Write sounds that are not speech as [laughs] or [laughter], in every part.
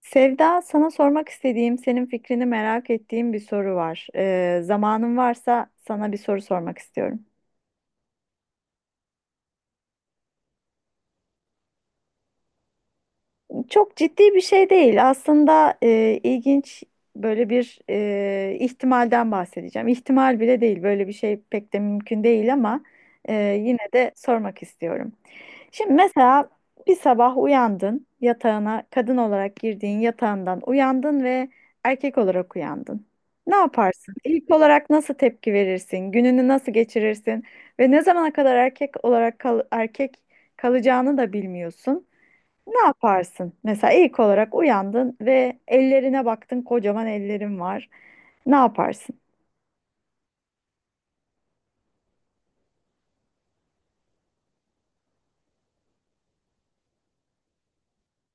Sevda, sana sormak istediğim, senin fikrini merak ettiğim bir soru var. Zamanın varsa sana bir soru sormak istiyorum. Çok ciddi bir şey değil. Aslında ilginç böyle bir ihtimalden bahsedeceğim. İhtimal bile değil. Böyle bir şey pek de mümkün değil ama e, yine de sormak istiyorum. Şimdi mesela bir sabah uyandın yatağına kadın olarak girdiğin yatağından uyandın ve erkek olarak uyandın. Ne yaparsın? İlk olarak nasıl tepki verirsin? Gününü nasıl geçirirsin? Ve ne zamana kadar erkek olarak erkek kalacağını da bilmiyorsun. Ne yaparsın? Mesela ilk olarak uyandın ve ellerine baktın, kocaman ellerin var. Ne yaparsın?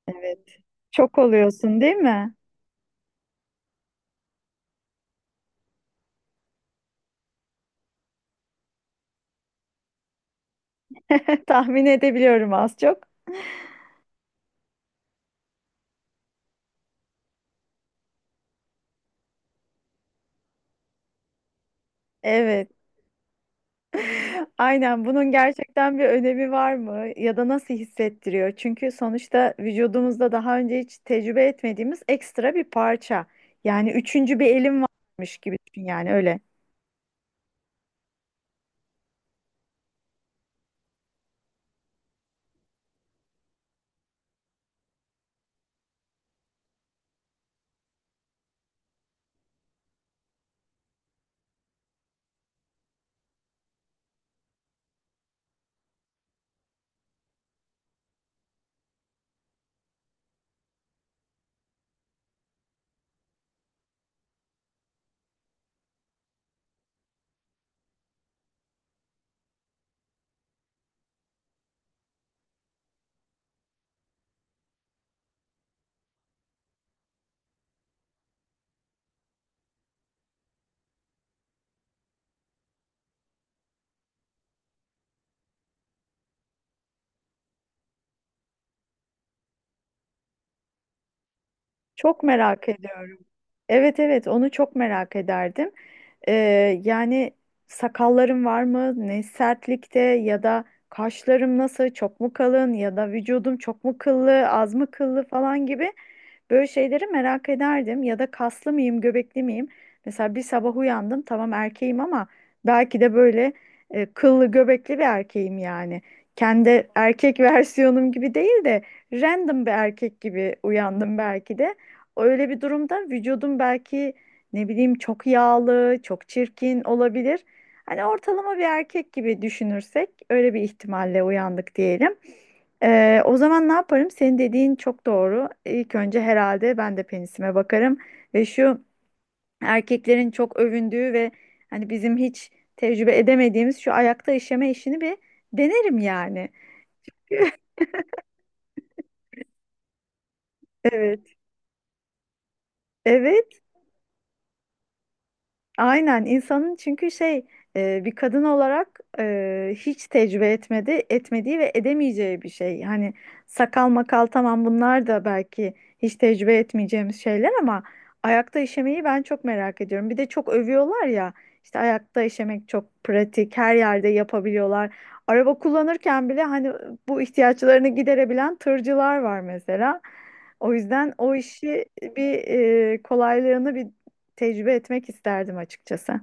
Evet. Şok oluyorsun, değil mi? [laughs] Tahmin edebiliyorum az çok. Evet. Aynen, bunun gerçekten bir önemi var mı ya da nasıl hissettiriyor? Çünkü sonuçta vücudumuzda daha önce hiç tecrübe etmediğimiz ekstra bir parça. Yani üçüncü bir elim varmış gibi düşün yani öyle. Çok merak ediyorum. Evet, evet, onu çok merak ederdim. Ee, Yani sakallarım var mı? Ne sertlikte ya da kaşlarım nasıl? Çok mu kalın ya da vücudum çok mu kıllı, az mı kıllı falan gibi böyle şeyleri merak ederdim. Ya da kaslı mıyım, göbekli miyim? Mesela bir sabah uyandım, tamam, erkeğim ama belki de böyle kıllı göbekli bir erkeğim yani. Kendi erkek [laughs] versiyonum gibi değil de random bir erkek gibi uyandım belki de. Öyle bir durumda vücudum belki ne bileyim çok yağlı, çok çirkin olabilir. Hani ortalama bir erkek gibi düşünürsek öyle bir ihtimalle uyandık diyelim. O zaman ne yaparım? Senin dediğin çok doğru. İlk önce herhalde ben de penisime bakarım ve şu erkeklerin çok övündüğü ve hani bizim hiç tecrübe edemediğimiz şu ayakta işeme işini bir denerim yani. Evet. Evet. Aynen, insanın çünkü şey, bir kadın olarak hiç tecrübe etmediği ve edemeyeceği bir şey. Hani sakal makal, tamam, bunlar da belki hiç tecrübe etmeyeceğimiz şeyler ama ayakta işemeyi ben çok merak ediyorum. Bir de çok övüyorlar ya, işte ayakta işemek çok pratik, her yerde yapabiliyorlar. Araba kullanırken bile hani bu ihtiyaçlarını giderebilen tırcılar var mesela. O yüzden o işi bir kolaylığını bir tecrübe etmek isterdim açıkçası.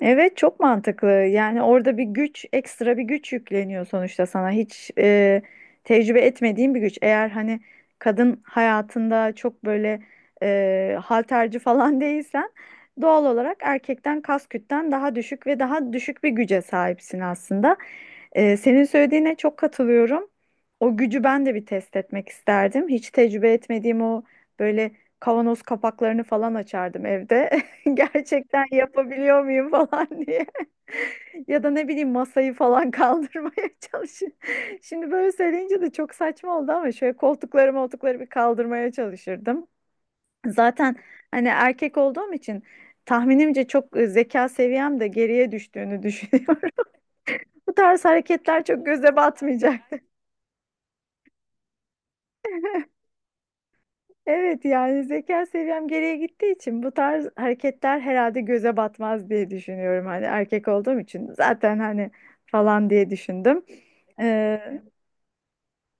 Evet, çok mantıklı. Yani orada bir güç, ekstra bir güç yükleniyor sonuçta sana. Hiç tecrübe etmediğin bir güç. Eğer hani kadın hayatında çok böyle halterci falan [laughs] değilsen doğal olarak erkekten kas kütlen daha düşük ve daha düşük bir güce sahipsin aslında. Senin söylediğine çok katılıyorum. O gücü ben de bir test etmek isterdim. Hiç tecrübe etmediğim o böyle kavanoz kapaklarını falan açardım evde. [laughs] Gerçekten yapabiliyor muyum falan diye. [laughs] Ya da ne bileyim masayı falan kaldırmaya [laughs] çalışıyorum. Şimdi böyle söyleyince de çok saçma oldu ama şöyle koltukları moltukları bir kaldırmaya çalışırdım. Zaten hani erkek olduğum için tahminimce çok zeka seviyem de geriye düştüğünü düşünüyorum. [laughs] Bu tarz hareketler çok göze batmayacak. Evet, yani zeka seviyem geriye gittiği için bu tarz hareketler herhalde göze batmaz diye düşünüyorum. Hani erkek olduğum için zaten hani falan diye düşündüm.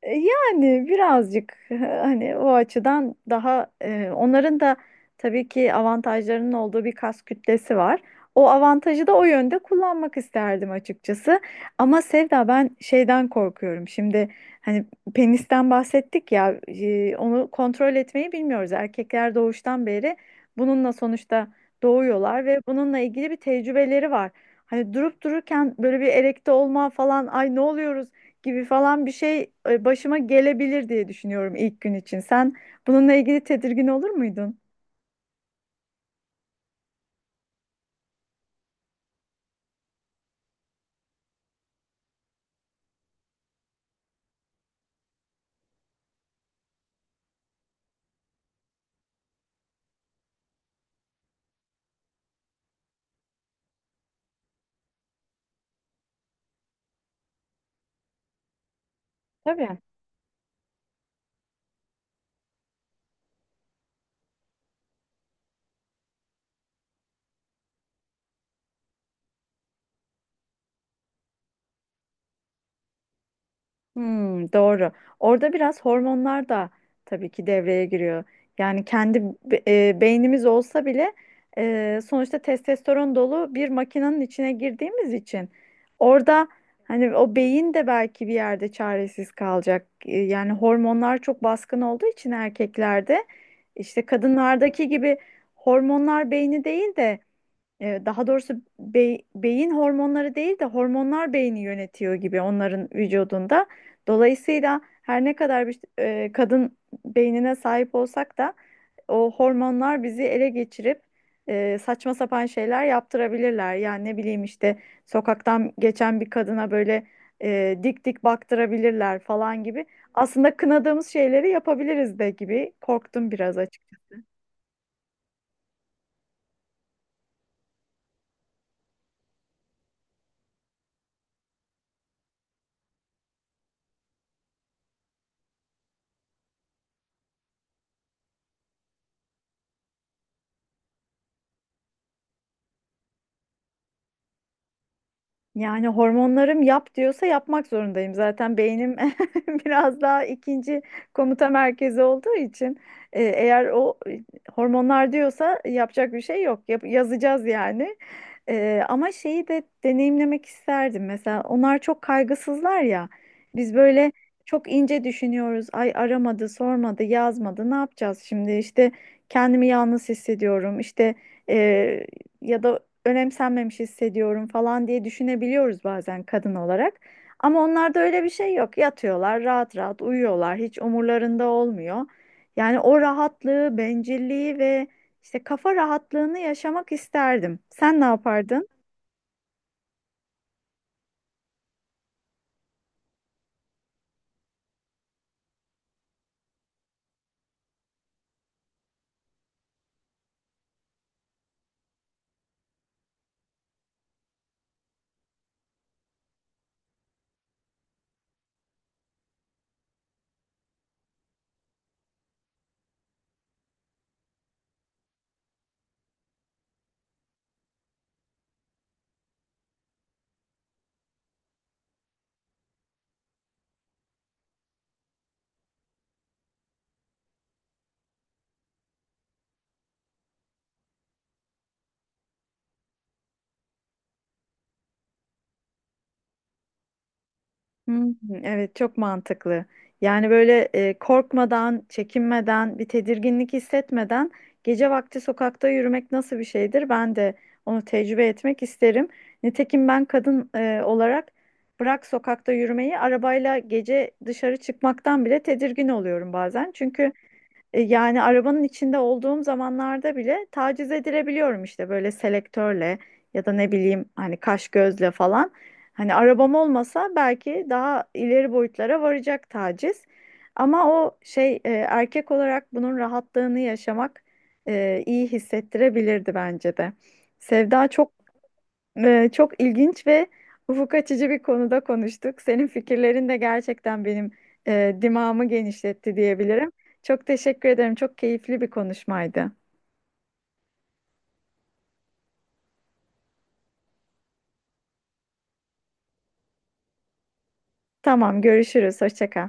Yani birazcık [laughs] hani o açıdan daha onların da tabii ki avantajlarının olduğu bir kas kütlesi var. O avantajı da o yönde kullanmak isterdim açıkçası. Ama Sevda, ben şeyden korkuyorum. Şimdi hani penisten bahsettik ya, onu kontrol etmeyi bilmiyoruz. Erkekler doğuştan beri bununla sonuçta doğuyorlar ve bununla ilgili bir tecrübeleri var. Hani durup dururken böyle bir erekte olma falan, ay ne oluyoruz gibi falan bir şey başıma gelebilir diye düşünüyorum ilk gün için. Sen bununla ilgili tedirgin olur muydun? Tabii. Hmm, doğru. Orada biraz hormonlar da tabii ki devreye giriyor. Yani kendi beynimiz olsa bile sonuçta testosteron dolu bir makinenin içine girdiğimiz için orada hani o beyin de belki bir yerde çaresiz kalacak. Yani hormonlar çok baskın olduğu için erkeklerde işte kadınlardaki gibi hormonlar beyni değil de, daha doğrusu beyin hormonları değil de hormonlar beyni yönetiyor gibi onların vücudunda. Dolayısıyla her ne kadar bir kadın beynine sahip olsak da o hormonlar bizi ele geçirip saçma sapan şeyler yaptırabilirler. Yani ne bileyim işte sokaktan geçen bir kadına böyle dik dik baktırabilirler falan gibi. Aslında kınadığımız şeyleri yapabiliriz de gibi korktum biraz açıkçası. Yani hormonlarım yap diyorsa yapmak zorundayım. Zaten beynim [laughs] biraz daha ikinci komuta merkezi olduğu için eğer o hormonlar diyorsa yapacak bir şey yok. Yazacağız yani. Ama şeyi de deneyimlemek isterdim. Mesela onlar çok kaygısızlar ya. Biz böyle çok ince düşünüyoruz. Ay aramadı, sormadı, yazmadı. Ne yapacağız şimdi? İşte kendimi yalnız hissediyorum. İşte, e, ya da önemsenmemiş hissediyorum falan diye düşünebiliyoruz bazen kadın olarak. Ama onlarda öyle bir şey yok. Yatıyorlar, rahat rahat uyuyorlar. Hiç umurlarında olmuyor. Yani o rahatlığı, bencilliği ve işte kafa rahatlığını yaşamak isterdim. Sen ne yapardın? Hmm, evet, çok mantıklı. Yani böyle korkmadan, çekinmeden, bir tedirginlik hissetmeden gece vakti sokakta yürümek nasıl bir şeydir? Ben de onu tecrübe etmek isterim. Nitekim ben kadın olarak bırak sokakta yürümeyi, arabayla gece dışarı çıkmaktan bile tedirgin oluyorum bazen. Çünkü yani arabanın içinde olduğum zamanlarda bile taciz edilebiliyorum, işte böyle selektörle ya da ne bileyim hani kaş gözle falan. Hani arabam olmasa belki daha ileri boyutlara varacak taciz. Ama o şey, erkek olarak bunun rahatlığını yaşamak iyi hissettirebilirdi bence de. Sevda, çok çok ilginç ve ufuk açıcı bir konuda konuştuk. Senin fikirlerin de gerçekten benim dimağımı genişletti diyebilirim. Çok teşekkür ederim. Çok keyifli bir konuşmaydı. Tamam, görüşürüz. Hoşça kal.